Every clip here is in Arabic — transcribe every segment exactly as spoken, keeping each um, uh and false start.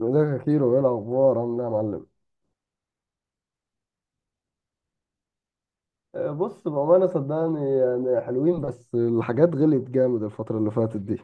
ازيك يا كيرو؟ ايه الاخبار؟ عامل ايه يا معلم؟ آه، بص بامانه صدقني يعني حلوين، بس الحاجات غليت جامد الفتره اللي فاتت دي.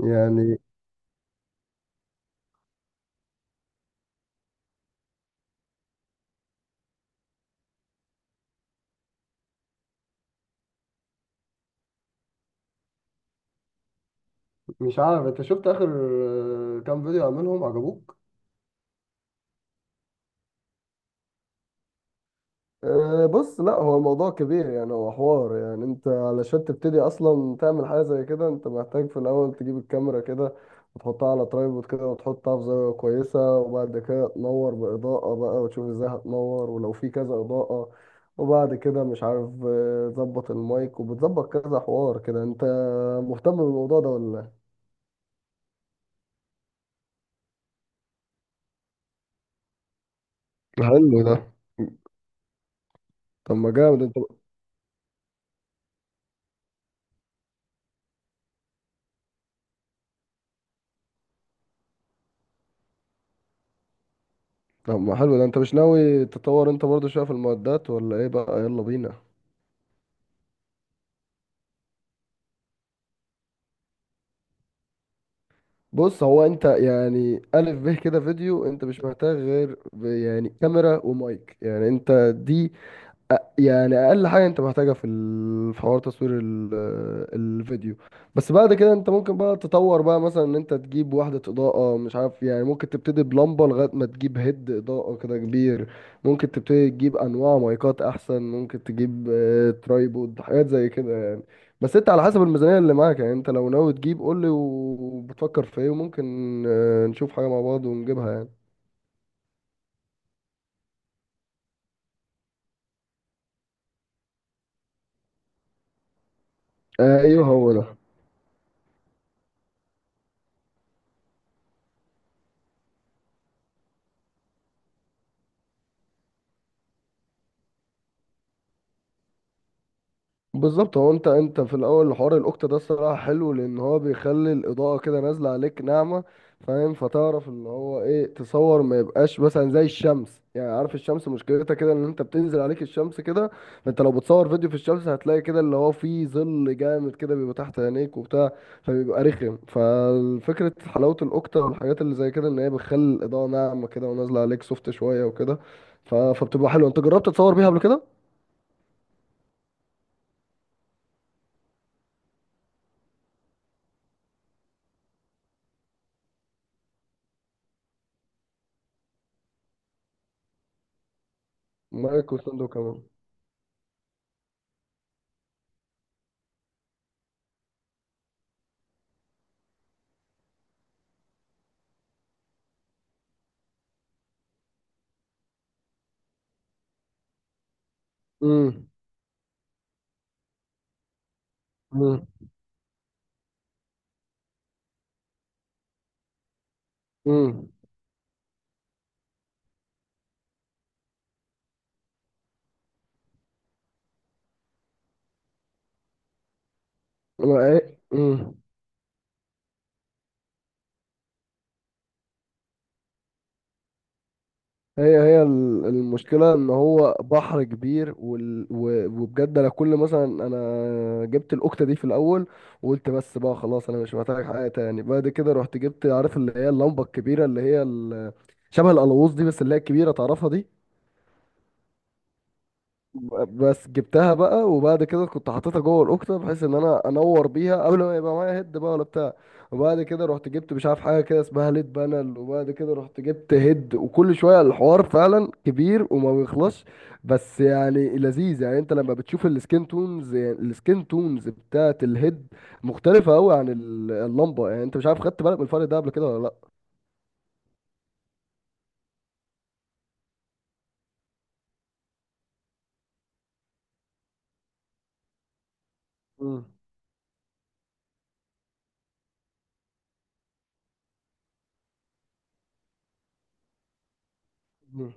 يعني مش عارف انت شفت اخر آه، كام فيديو عاملهم عجبوك؟ أه، بص، لا هو الموضوع كبير يعني. هو حوار، يعني انت علشان تبتدي اصلا تعمل حاجه زي كده انت محتاج في الاول تجيب الكاميرا كده، وتحطها على ترايبود كده، وتحطها في زاويه كويسه، وبعد كده تنور باضاءه بقى وتشوف ازاي هتنور ولو في كذا اضاءه. وبعد كده مش عارف، أه، تظبط المايك وبتظبط كذا حوار كده. انت مهتم بالموضوع ده ولا لا؟ حلو ده. طب ما جامد انت. طب ما حلو ده، انت مش ناوي تطور انت برضه شويه في المعدات ولا ايه بقى؟ يلا بينا. بص، هو انت يعني الف به كده فيديو، انت مش محتاج غير ب- يعني كاميرا ومايك، يعني انت دي يعني اقل حاجه انت محتاجها في ال- في حوار تصوير ال- الفيديو. بس بعد كده انت ممكن بقى تطور بقى، مثلا ان انت تجيب وحده اضاءه، مش عارف، يعني ممكن تبتدي بلمبه لغايه ما تجيب هيد اضاءه كده كبير. ممكن تبتدي تجيب انواع مايكات احسن، ممكن تجيب آه، ترايبود، حاجات زي كده يعني. بس انت على حسب الميزانيه اللي معاك يعني. انت لو ناوي تجيب قول لي، وبتفكر في ايه وممكن آه، نشوف حاجه مع بعض ونجيبها يعني. آه، ايوه، هو ده بالظبط. هو انت انت في الاول حوار الاوكتا ده الصراحه حلو، لان هو بيخلي الاضاءه كده نازله عليك ناعمه، فاهم؟ فتعرف اللي هو ايه، تصور ما يبقاش مثلا زي الشمس. يعني عارف الشمس مشكلتها كده، ان انت بتنزل عليك الشمس كده، فانت لو بتصور فيديو في الشمس هتلاقي كده اللي هو فيه ظل جامد كده بيبقى تحت عينيك وبتاع، فبيبقى رخم. ففكره حلاوه الاوكتا والحاجات اللي زي كده ان هي بتخلي الاضاءه ناعمه كده ونازله عليك سوفت شويه وكده، ف- فبتبقى حلوه. انت جربت تصور بيها قبل كده؟ مايك وستاند كمان. مم. مم. ما هي مم. هي هي ال- المشكلة ان هو بحر كبير، وال... و... وبجد انا كل مثلا، انا جبت الاكتة دي في الاول وقلت بس بقى خلاص انا مش محتاج حاجة تاني. بعد كده رحت جبت، عارف اللي هي اللمبة الكبيرة اللي هي ال... شبه القلاووز دي، بس اللي هي الكبيرة تعرفها دي. بس جبتها بقى، وبعد كده كنت حاططها جوه الاكتة بحيث ان انا انور بيها قبل ما يبقى معايا هيد بقى ولا بتاع. وبعد كده رحت جبت مش عارف حاجه كده اسمها ليد بانل، وبعد كده رحت جبت هيد، وكل شويه. الحوار فعلا كبير وما بيخلصش، بس يعني لذيذ. يعني انت لما بتشوف السكين تونز، يعني السكين تونز بتاعت الهيد مختلفه قوي عن ال- اللمبه. يعني انت مش عارف، خدت بالك من الفرق ده قبل كده ولا لا؟ مم. مم.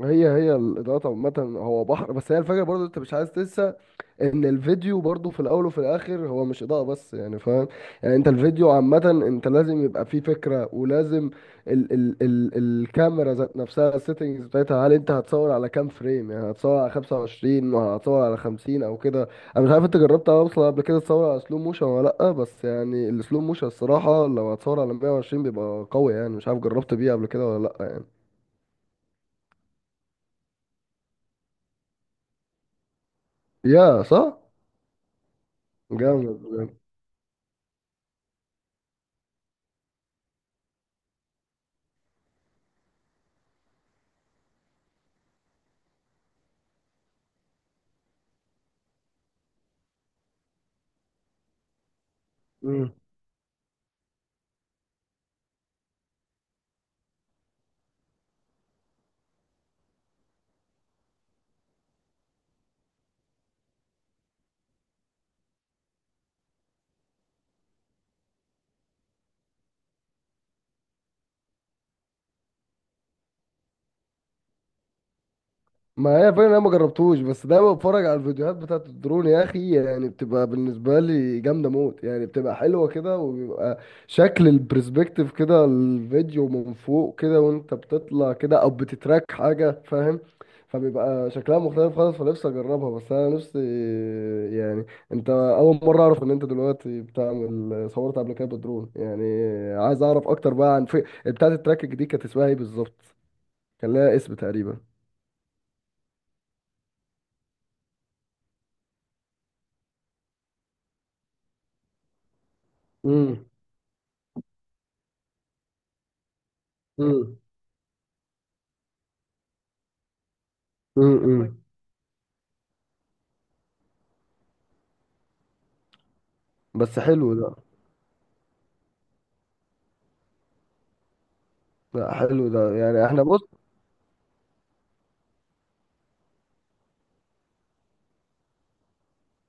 هي هي الاضاءات عامه هو بحر، بس هي الفكره برضه انت مش عايز تنسى ان الفيديو برضو في الاول وفي الاخر هو مش اضاءة بس، يعني فاهم؟ يعني انت الفيديو عامة انت لازم يبقى فيه فكرة، ولازم ال ال ال الكاميرا ذات نفسها، السيتنجز بتاعتها، هل انت هتصور على كام فريم؟ يعني هتصور على خمسة وعشرين ولا هتصور على خمسين او كده؟ انا مش عارف انت جربت اصلا قبل كده تصور على سلو موشن ولا لا. بس يعني السلو موشن الصراحة لو هتصور على مية وعشرين بيبقى قوي، يعني مش عارف جربت بيه قبل كده ولا لا يعني. يا صح، جامد. جامد. ما هي فعلا انا ما جربتوش، بس دايما بتفرج على الفيديوهات بتاعت الدرون يا اخي. يعني بتبقى بالنسبه لي جامده موت، يعني بتبقى حلوه كده، وبيبقى شكل البرسبكتيف كده، الفيديو من فوق كده وانت بتطلع كده او بتتراك حاجه، فاهم؟ فبيبقى شكلها مختلف خالص، فنفسي اجربها. بس انا نفسي يعني، انت اول مره اعرف ان انت دلوقتي بتعمل، صورت قبل كده بالدرون يعني؟ عايز اعرف اكتر بقى عن في بتاعت التراكنج دي، كانت اسمها ايه بالظبط؟ كان لها اسم تقريبا. امم. امم. بس حلو ده. لا حلو ده، يعني احنا بص.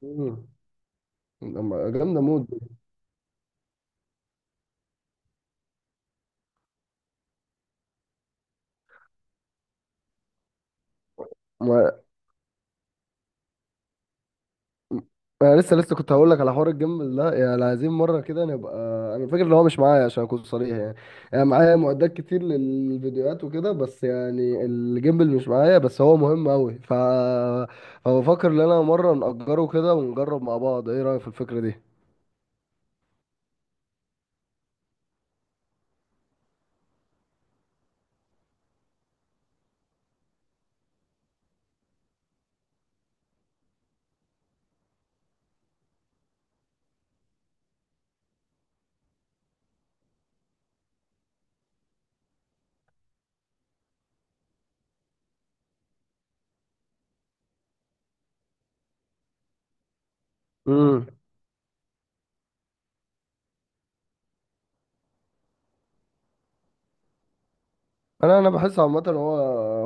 مم. لما- جامده موت دي. ما انا لسه لسه كنت هقول لك على حوار الجيم ده، يعني عايزين مره كده نبقى. انا فاكر ان هو مش معايا عشان اكون صريح يعني. يعني معايا معدات كتير للفيديوهات وكده، بس يعني الجيمبل مش معايا، بس هو مهم قوي، ف فبفكر ان انا مره نأجره كده ونجرب مع بعض. ايه رأيك في الفكره دي؟ امم. انا انا بحس عامه، هو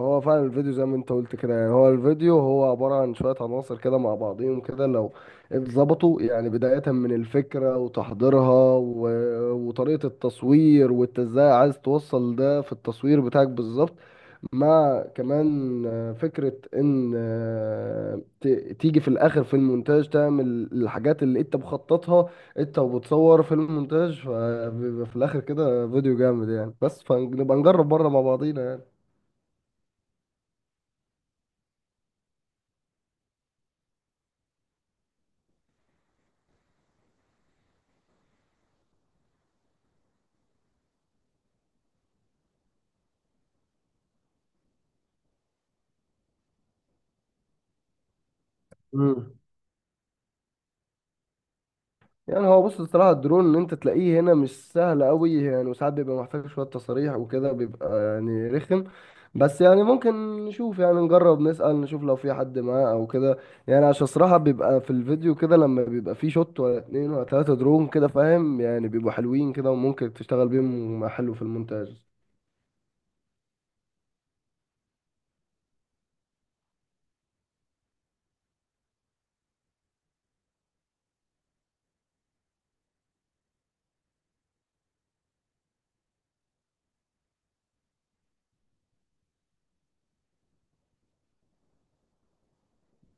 هو فعلا الفيديو زي ما انت قلت كده، يعني هو الفيديو هو عباره عن شويه عناصر كده مع بعضهم كده لو اتظبطوا، يعني بدايه من الفكره وتحضيرها و... وطريقه التصوير، وانت ازاي عايز توصل ده في التصوير بتاعك بالظبط، مع كمان آه، فكره ان آه، ت... تيجي في الاخر في المونتاج تعمل الحاجات اللي انت مخططها انت وبتصور فيلم مونتاج، فبيبقى في الاخر كده فيديو جامد يعني. بس فنبقى نجرب بره مع بعضينا يعني. امم. يعني هو بص، الصراحه الدرون ان انت تلاقيه هنا مش سهل قوي يعني، وساعات بيبقى محتاج شويه تصاريح وكده، بيبقى يعني رخم. بس يعني ممكن نشوف، يعني نجرب نسأل نشوف لو في حد معاه او كده، يعني عشان الصراحه بيبقى في الفيديو كده لما بيبقى فيه شوت ولا اتنين ولا تلاته درون كده، فاهم؟ يعني بيبقوا حلوين كده، وممكن تشتغل بيهم حلو في المونتاج.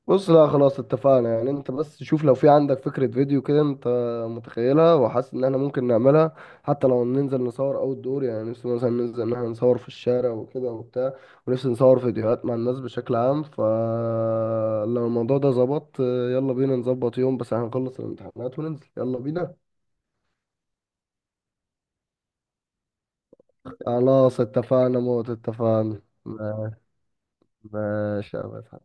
بص لا خلاص اتفقنا، يعني انت بس شوف لو في عندك فكرة فيديو كده انت متخيلها وحاسس ان احنا ممكن نعملها. حتى لو ننزل نصور اوت دور، يعني نفسي مثلا ننزل ان احنا نصور في الشارع وكده وبتاع، ونفسي نصور فيديوهات مع الناس بشكل عام. فلو الموضوع ده ظبط يلا بينا نظبط يوم، بس هنخلص الامتحانات وننزل يلا بينا. خلاص اتفقنا موت. اتفقنا ماشي يا باشا.